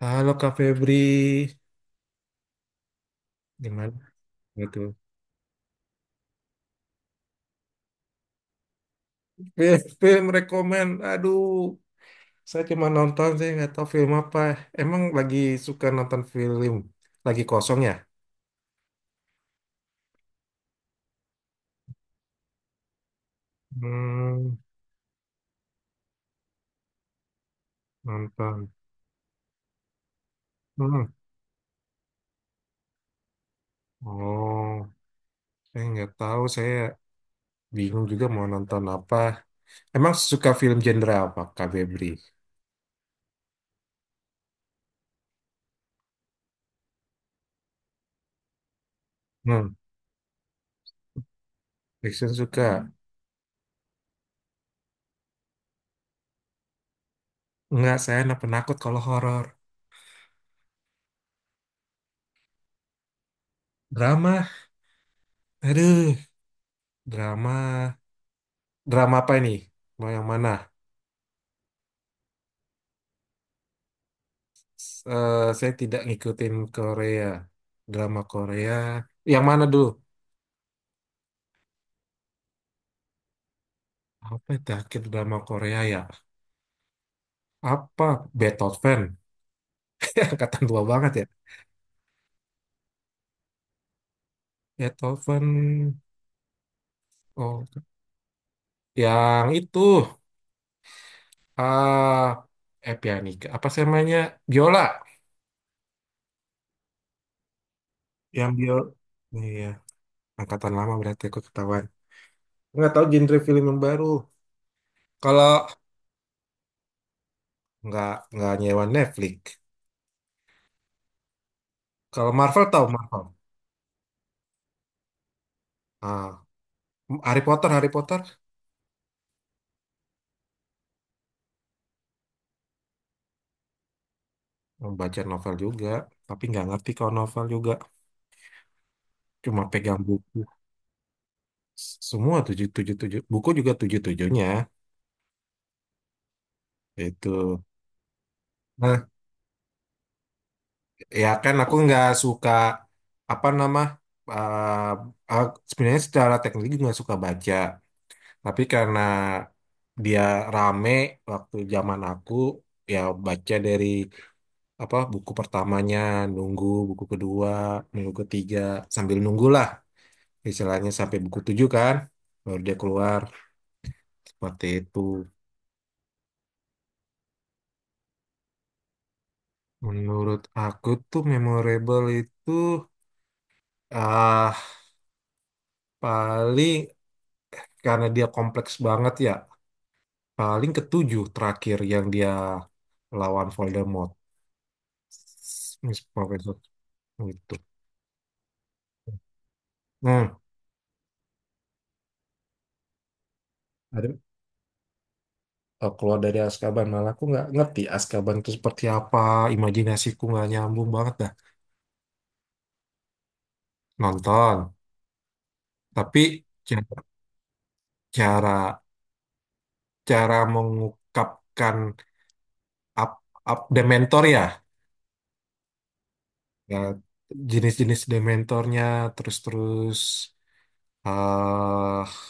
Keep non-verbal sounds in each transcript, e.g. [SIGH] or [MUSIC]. Halo Kak Febri, gimana gitu? Film rekomend, saya cuma nonton sih nggak tahu film apa. Emang lagi suka nonton film, lagi kosong ya? Hmm. Nonton. Hmm. Oh, saya nggak tahu, saya bingung juga mau nonton apa. Emang suka film genre apa Kak Febri? Hmm. Fiction suka. Nggak, saya anak penakut kalau horor. Drama, aduh, drama, drama apa ini? Mau yang mana? Saya tidak ngikutin Korea, drama Korea. Yang mana dulu? Apa ya terakhir drama Korea ya? Apa? Beethoven. [LAUGHS] Angkatan tua banget ya. Beethoven. Oh, yang itu. Ah, pianika. Apa sih namanya? Biola. Yang biola. Iya, angkatan lama berarti aku ketahuan. Nggak tahu genre film yang baru. Kalau nggak nggak nyewa Netflix. Kalau Marvel tahu Marvel. Ah, Harry Potter, Harry Potter. Baca novel juga, tapi nggak ngerti kalau novel juga. Cuma pegang buku. Semua tujuh tujuh tujuh. Buku juga tujuh tujuhnya. Itu. Nah, ya kan aku nggak suka apa nama. eh sebenarnya secara teknik juga nggak suka baca, tapi karena dia rame waktu zaman aku, ya baca dari apa buku pertamanya, nunggu buku kedua, nunggu ketiga, sambil nunggulah istilahnya sampai buku tujuh kan baru dia keluar. Seperti itu. Menurut aku tuh memorable itu ah paling karena dia kompleks banget ya. Paling ketujuh terakhir yang dia lawan Voldemort. Miss Professor itu. Nah, ada keluar dari Azkaban malah aku nggak ngerti Azkaban itu seperti apa. Imajinasiku nggak nyambung banget dah. Nonton. Tapi ca- cara cara mengungkapkan up, up Dementor, ya ya jenis-jenis dementornya terus-terus ah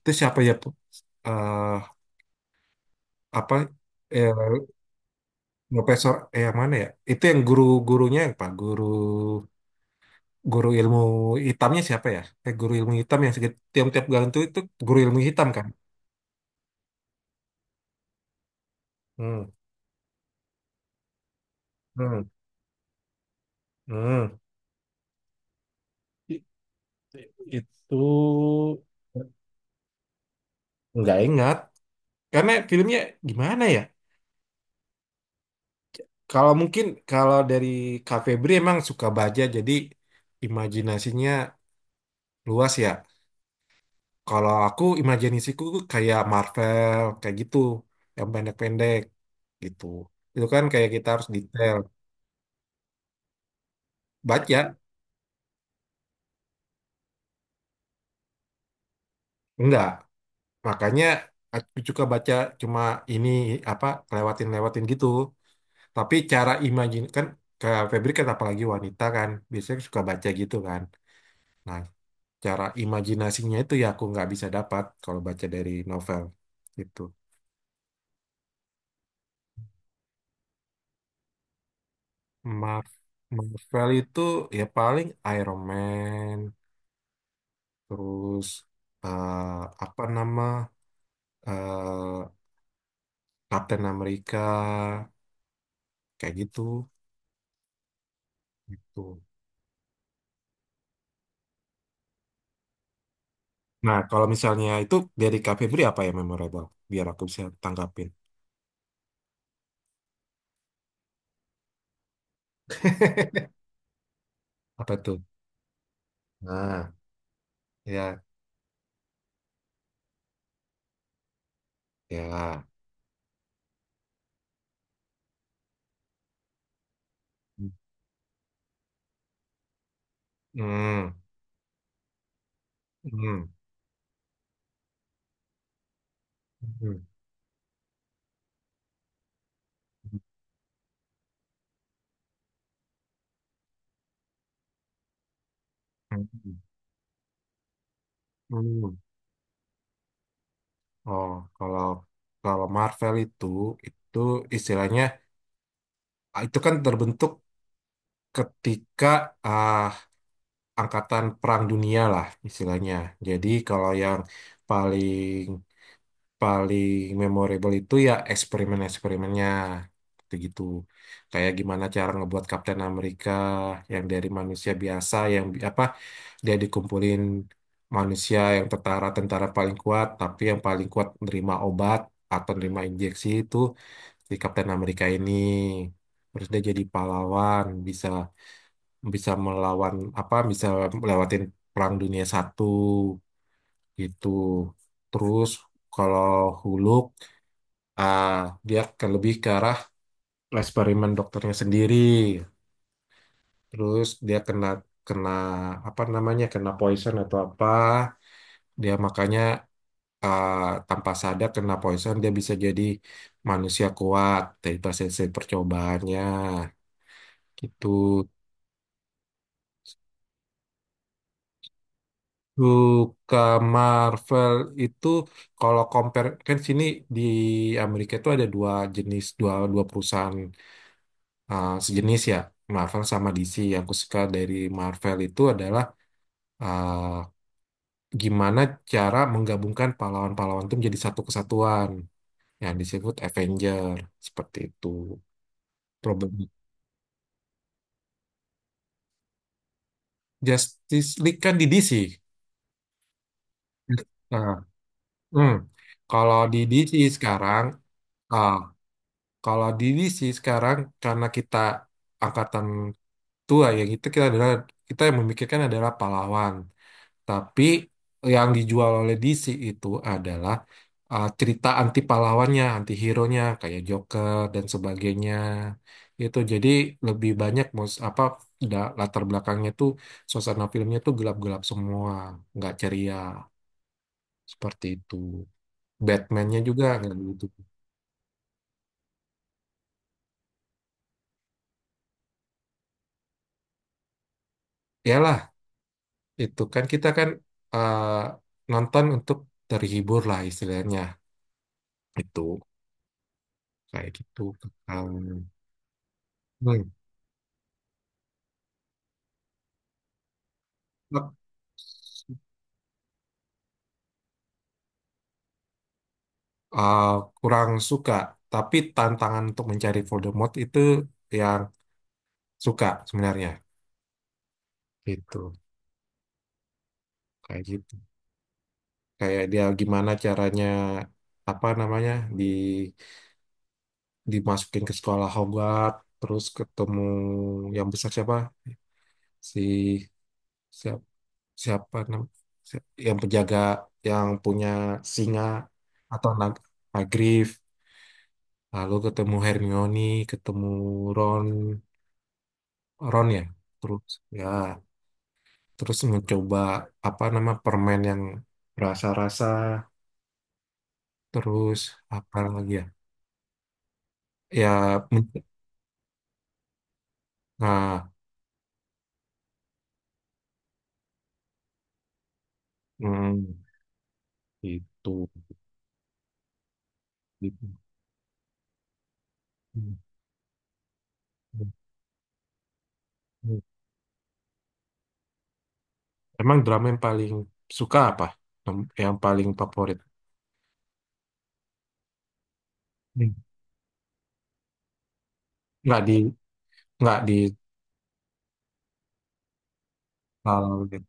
itu siapa ya Pu? Ah, apa eh, profesor yang mana ya itu yang guru-gurunya yang pak guru guru ilmu hitamnya siapa ya guru ilmu hitam yang tiap-tiap gantung itu guru ilmu hitam kan. Hmm. Hmm. Hmm. I- Itu nggak ingat karena filmnya gimana ya. Kalau mungkin kalau dari Kak Febri emang suka baca jadi imajinasinya luas ya. Kalau aku imajinasiku tuh kayak Marvel kayak gitu yang pendek-pendek gitu. Itu kan kayak kita harus detail baca enggak. Makanya aku suka baca cuma ini apa lewatin-lewatin gitu. Tapi cara imajin kan Kak Febri kan apalagi wanita kan biasanya suka baca gitu kan. Nah, cara imajinasinya itu ya aku nggak bisa dapat kalau baca dari novel gitu. Mar- Marvel itu ya paling Iron Man, terus eh, apa nama eh, Captain America kayak gitu gitu. Nah, kalau misalnya itu dari Kak Febri apa yang memorable? Biar aku bisa tanggapin. Apa tuh? Nah, ya, ya. Hmm, hmm, hmm, hmm, hmm, hmm. Oh, kalau kalau Marvel itu istilahnya itu kan terbentuk ketika ah, angkatan perang dunia lah istilahnya. Jadi kalau yang paling paling memorable itu ya eksperimen-eksperimennya gitu-gitu. Kayak gimana cara ngebuat Kapten Amerika yang dari manusia biasa yang apa dia dikumpulin manusia yang tentara-tentara paling kuat tapi yang paling kuat nerima obat atau nerima injeksi itu si Kapten Amerika ini terus dia jadi pahlawan bisa bisa melawan apa bisa melewatin Perang Dunia I gitu terus kalau Huluk, ah, dia ke lebih ke arah eksperimen dokternya sendiri terus dia kena kena apa namanya kena poison atau apa dia makanya ah, tanpa sadar kena poison dia bisa jadi manusia kuat dari hasil hasil percobaannya gitu. Suka Marvel itu kalau compare kan sini di Amerika itu ada dua jenis dua dua perusahaan sejenis ya Marvel sama DC. Yang aku suka dari Marvel itu adalah uh, gimana cara menggabungkan pahlawan-pahlawan itu menjadi satu kesatuan yang disebut Avenger seperti itu. Problem Justice League kan di DC. Nah, hmm. Kalau di DC sekarang eh, kalau diri sih sekarang karena kita angkatan tua ya gitu kita adalah kita yang memikirkan adalah pahlawan. Tapi yang dijual oleh DC itu adalah cerita anti pahlawannya, anti hero-nya kayak Joker dan sebagainya. Itu jadi lebih banyak mus apa latar belakangnya tuh suasana filmnya tuh gelap-gelap semua, nggak ceria seperti itu. Batman-nya juga nggak gitu. Iyalah itu kan kita kan eh, nonton untuk terhibur lah istilahnya itu kayak gitu. Um, hmm. Uh, kurang suka tapi tantangan untuk mencari Voldemort itu yang suka sebenarnya gitu gitu kayak dia gimana caranya apa namanya di dimasukin ke sekolah Hogwarts terus ketemu yang besar siapa si siapa siapa yang penjaga yang punya singa atau nag Hagrid lalu ketemu Hermione ketemu Ron Ron terus ya terus mencoba apa nama permen yang rasa-rasa terus apa lagi ya ya men- nah hmm, itu. [LAUGHS] Gitu. Hmm, hmm, hmm. Emang drama yang paling suka apa yang yang paling favorit. Hmm. nggak di nggak di eh,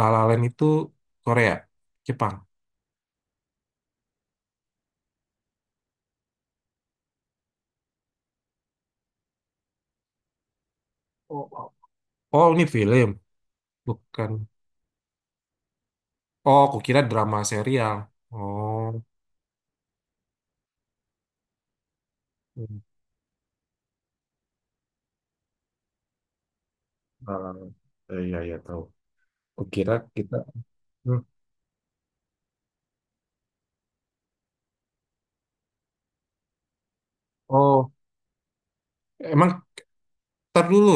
La La Land itu Korea, Jepang? Oh, oh. Oh, ini film, bukan. Oh, aku kira drama serial. Oh, hmm. Ah, iya iya tahu. Kukira kita hmm, oh, emang tar dulu.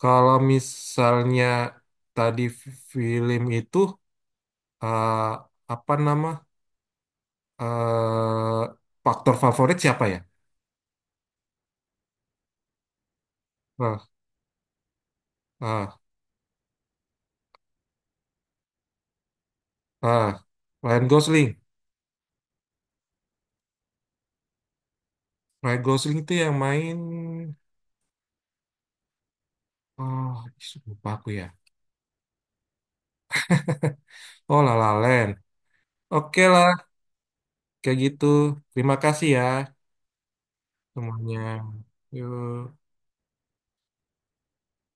Kalau misalnya tadi film itu eh, apa nama eh faktor favorit siapa ya? Ah, ah, ah. Ryan Gosling. Ryan Gosling itu yang main. Oh, lupa aku ya. Oh, La La Land. Oke lah, kayak gitu. Terima kasih ya semuanya. Yuk.